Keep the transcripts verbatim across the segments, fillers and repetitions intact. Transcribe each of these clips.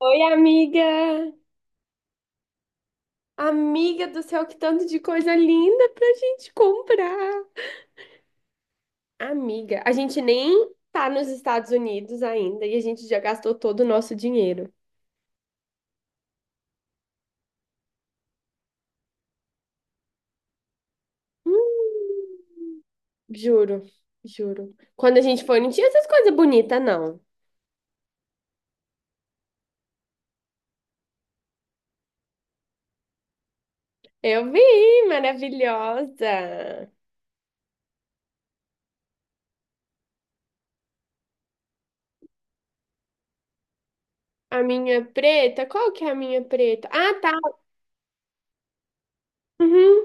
Oi, amiga! Amiga do céu, que tanto de coisa linda pra gente comprar! Amiga, a gente nem tá nos Estados Unidos ainda e a gente já gastou todo o nosso dinheiro. Hum, juro, juro. Quando a gente foi, não tinha essas coisas bonitas, não. Eu vi, maravilhosa! A minha preta, qual que é a minha preta? Ah, tá! Uhum.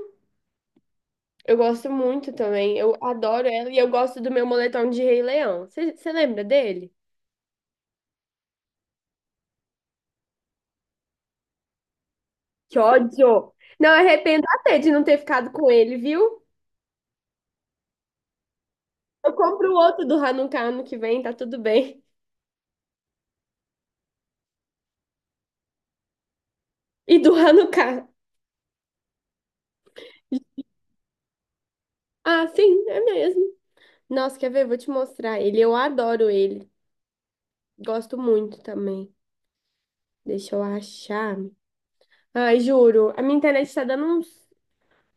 Eu gosto muito também, eu adoro ela e eu gosto do meu moletom de Rei Leão. Você lembra dele? Que ódio! Não, arrependo até de não ter ficado com ele, viu? Eu compro o outro do Hanukkah ano que vem, tá tudo bem. E do Hanukkah. Ah, sim, é mesmo. Nossa, quer ver? Vou te mostrar ele. Eu adoro ele. Gosto muito também. Deixa eu achar. Ai, juro, a minha internet tá dando uns,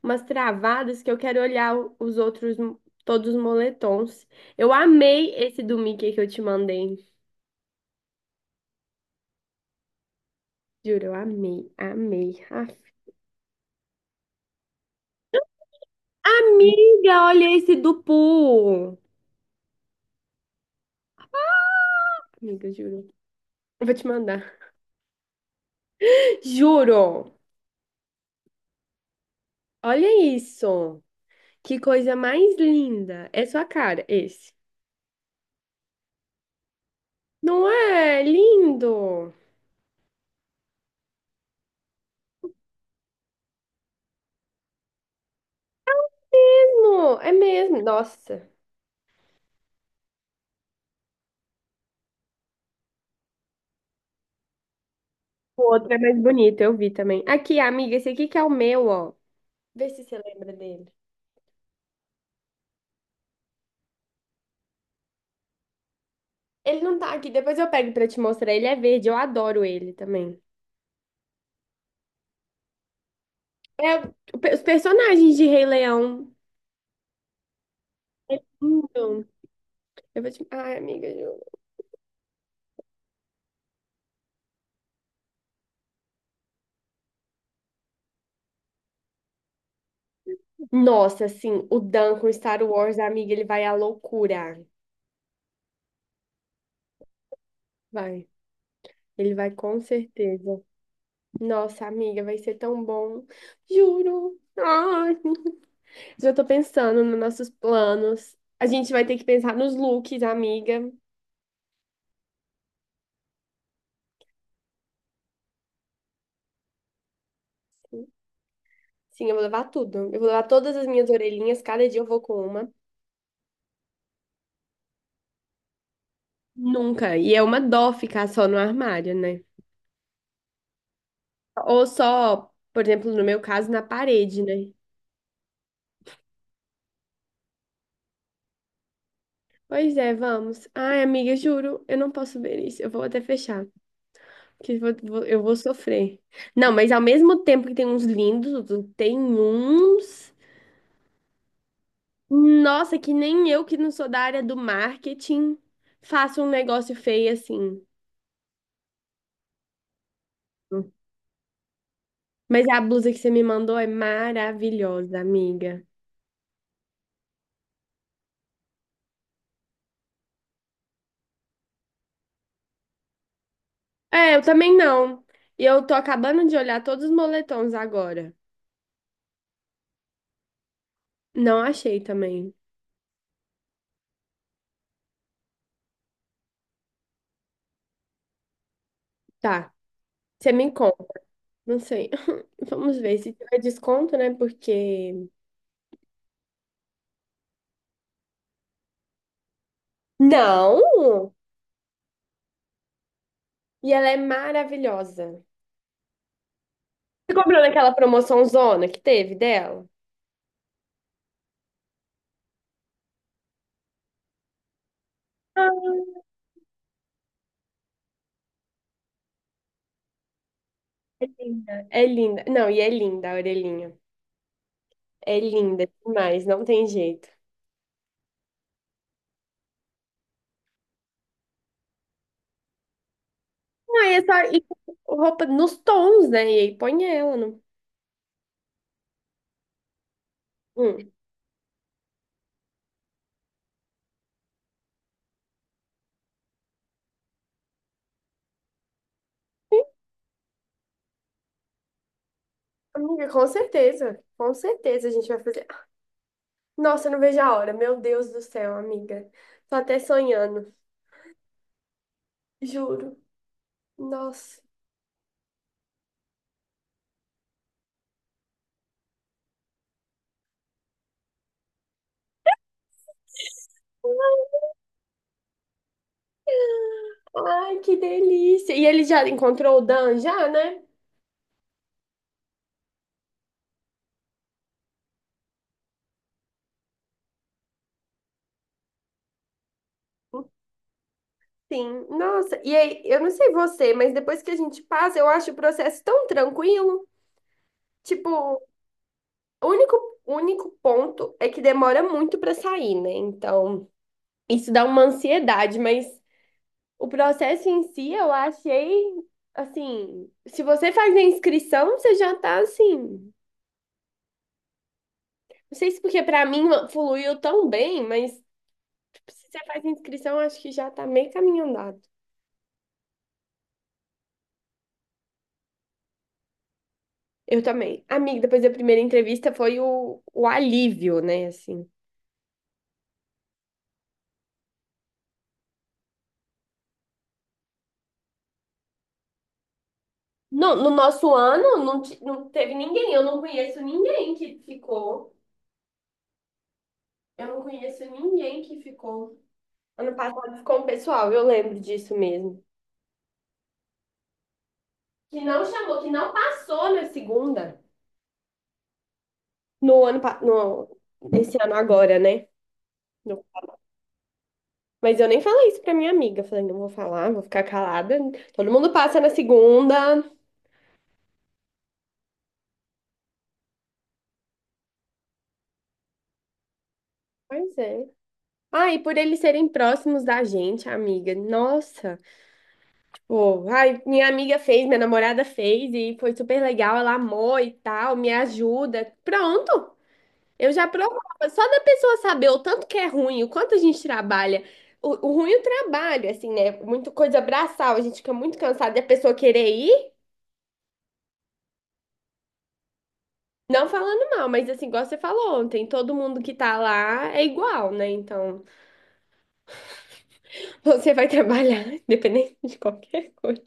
umas travadas que eu quero olhar o- os outros, mo- todos os moletons. Eu amei esse do Mickey que eu te mandei. Juro, eu amei, amei. Ah, amiga, olha esse do Poo. Amiga, juro. Eu vou te mandar. Juro. Olha isso. Que coisa mais linda. É sua cara, esse. Não é lindo? Não, é mesmo. Nossa. O outro é mais bonito, eu vi também. Aqui, amiga, esse aqui que é o meu, ó. Vê se você lembra dele. Ele não tá aqui, depois eu pego pra te mostrar. Ele é verde, eu adoro ele também. É o- os personagens de Rei Leão. É lindo. Eu vou te... Ai, amiga, juro. Nossa, assim, o Dan com Star Wars, amiga, ele vai à loucura. Vai. Ele vai com certeza. Nossa, amiga, vai ser tão bom. Juro. Ai, já tô pensando nos nossos planos. A gente vai ter que pensar nos looks, amiga. Sim, eu vou levar tudo. Eu vou levar todas as minhas orelhinhas, cada dia eu vou com uma. Nunca. E é uma dó ficar só no armário, né? Ou só, por exemplo, no meu caso, na parede, né? Pois é, vamos. Ai, amiga, juro, eu não posso ver isso. Eu vou até fechar, que eu vou, vou- eu vou sofrer. Não, mas ao mesmo tempo que tem uns lindos, outros- tem uns. Nossa, que nem eu que não sou da área do marketing faço um negócio feio assim. Mas a blusa que você me mandou é maravilhosa, amiga. É, eu também não. E eu tô acabando de olhar todos os moletons agora. Não achei também. Tá. Você me conta. Não sei. Vamos ver se tiver desconto, né? Porque. Não! E ela é maravilhosa. Você comprou naquela promoção zona que teve dela? Ah, é linda. É linda. Não, e é linda a orelhinha. É linda demais, não tem jeito. Não, e é só e roupa nos tons, né? E aí põe ela no. Hum. Sim, amiga, com certeza. Com certeza a gente vai fazer. Nossa, eu não vejo a hora. Meu Deus do céu, amiga. Tô até sonhando. Juro. Nossa. Ai, que delícia! E ele já encontrou o Dan já, né? Sim. Nossa, e aí, eu não sei você, mas depois que a gente passa, eu acho o processo tão tranquilo. Tipo, o único, o único ponto é que demora muito pra sair, né? Então, isso dá uma ansiedade, mas o processo em si eu achei assim, se você faz a inscrição, você já tá assim. Não sei se porque pra mim fluiu tão bem, mas tipo, se você faz a inscrição, eu acho que já tá meio caminho andado. Eu também. Amiga, depois da primeira entrevista foi o, o alívio, né? Assim. No, no nosso ano não, ti- não teve ninguém, eu não conheço ninguém que ficou. Eu não conheço ninguém que ficou. Ano passado ficou um pessoal, eu lembro disso mesmo. Que não chamou, que não passou na segunda. No ano, pa- no, esse ano agora, né? No- Mas eu nem falei isso pra minha amiga. Falei, não vou falar, vou ficar calada. Todo mundo passa na segunda. Pois é. Ah, e por eles serem próximos da gente, amiga. Nossa, tipo, ai, minha amiga fez, minha namorada fez e foi super legal, ela amou e tal, me ajuda. Pronto, eu já provava. Só da pessoa saber o tanto que é ruim, o quanto a gente trabalha. O, o ruim é o trabalho, assim, né? Muita coisa braçal, a gente fica muito cansado e a pessoa querer ir, não falando mal, mas assim, igual você falou ontem, todo mundo que tá lá é igual, né? Então, você vai trabalhar, independente de qualquer coisa.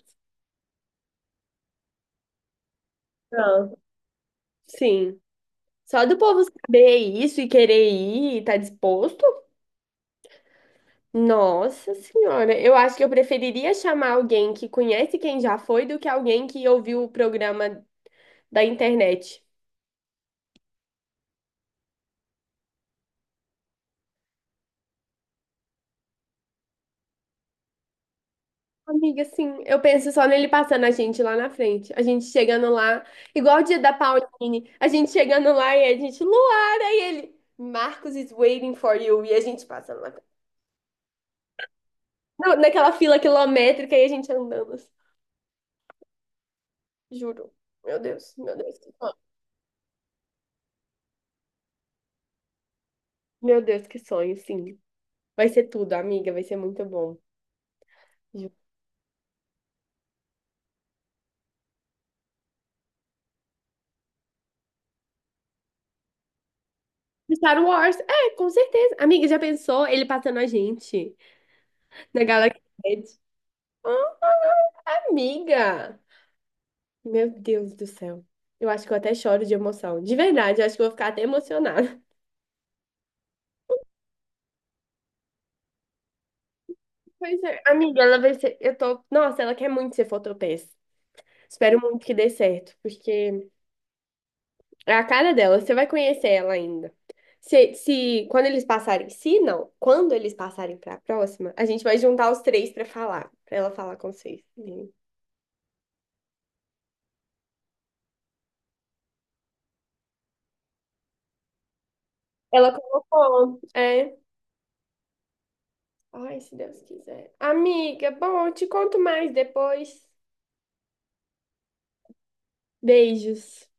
Não. Sim. Só do povo saber isso e querer ir e tá disposto? Nossa senhora, eu acho que eu preferiria chamar alguém que conhece quem já foi do que alguém que ouviu o programa da internet. Amiga, assim, eu penso só nele passando a gente lá na frente. A gente chegando lá, igual o dia da Pauline, a gente chegando lá e a gente, Luara, e ele, Marcos is waiting for you, e a gente passando lá. na- Naquela fila quilométrica e a gente andando, assim. Juro. Meu Deus, meu Deus, que sonho. Meu Deus, que sonho, sim. Vai ser tudo, amiga. Vai ser muito bom. Ju- Star Wars, é, com certeza. Amiga, já pensou ele passando a gente na Galaxy Edge? Amiga! Meu Deus do céu. Eu acho que eu até choro de emoção. De verdade, eu acho que eu vou ficar até emocionada. Pois é, amiga, ela vai ser. Eu tô. Nossa, ela quer muito ser fotopeça. Espero muito que dê certo, porque é a cara dela, você vai conhecer ela ainda. Se, se quando eles passarem, se não, quando eles passarem para a próxima, a gente vai juntar os três para falar, para ela falar com vocês. Ela colocou, é. Ai, se Deus quiser. Amiga, bom, eu te conto mais depois. Beijos.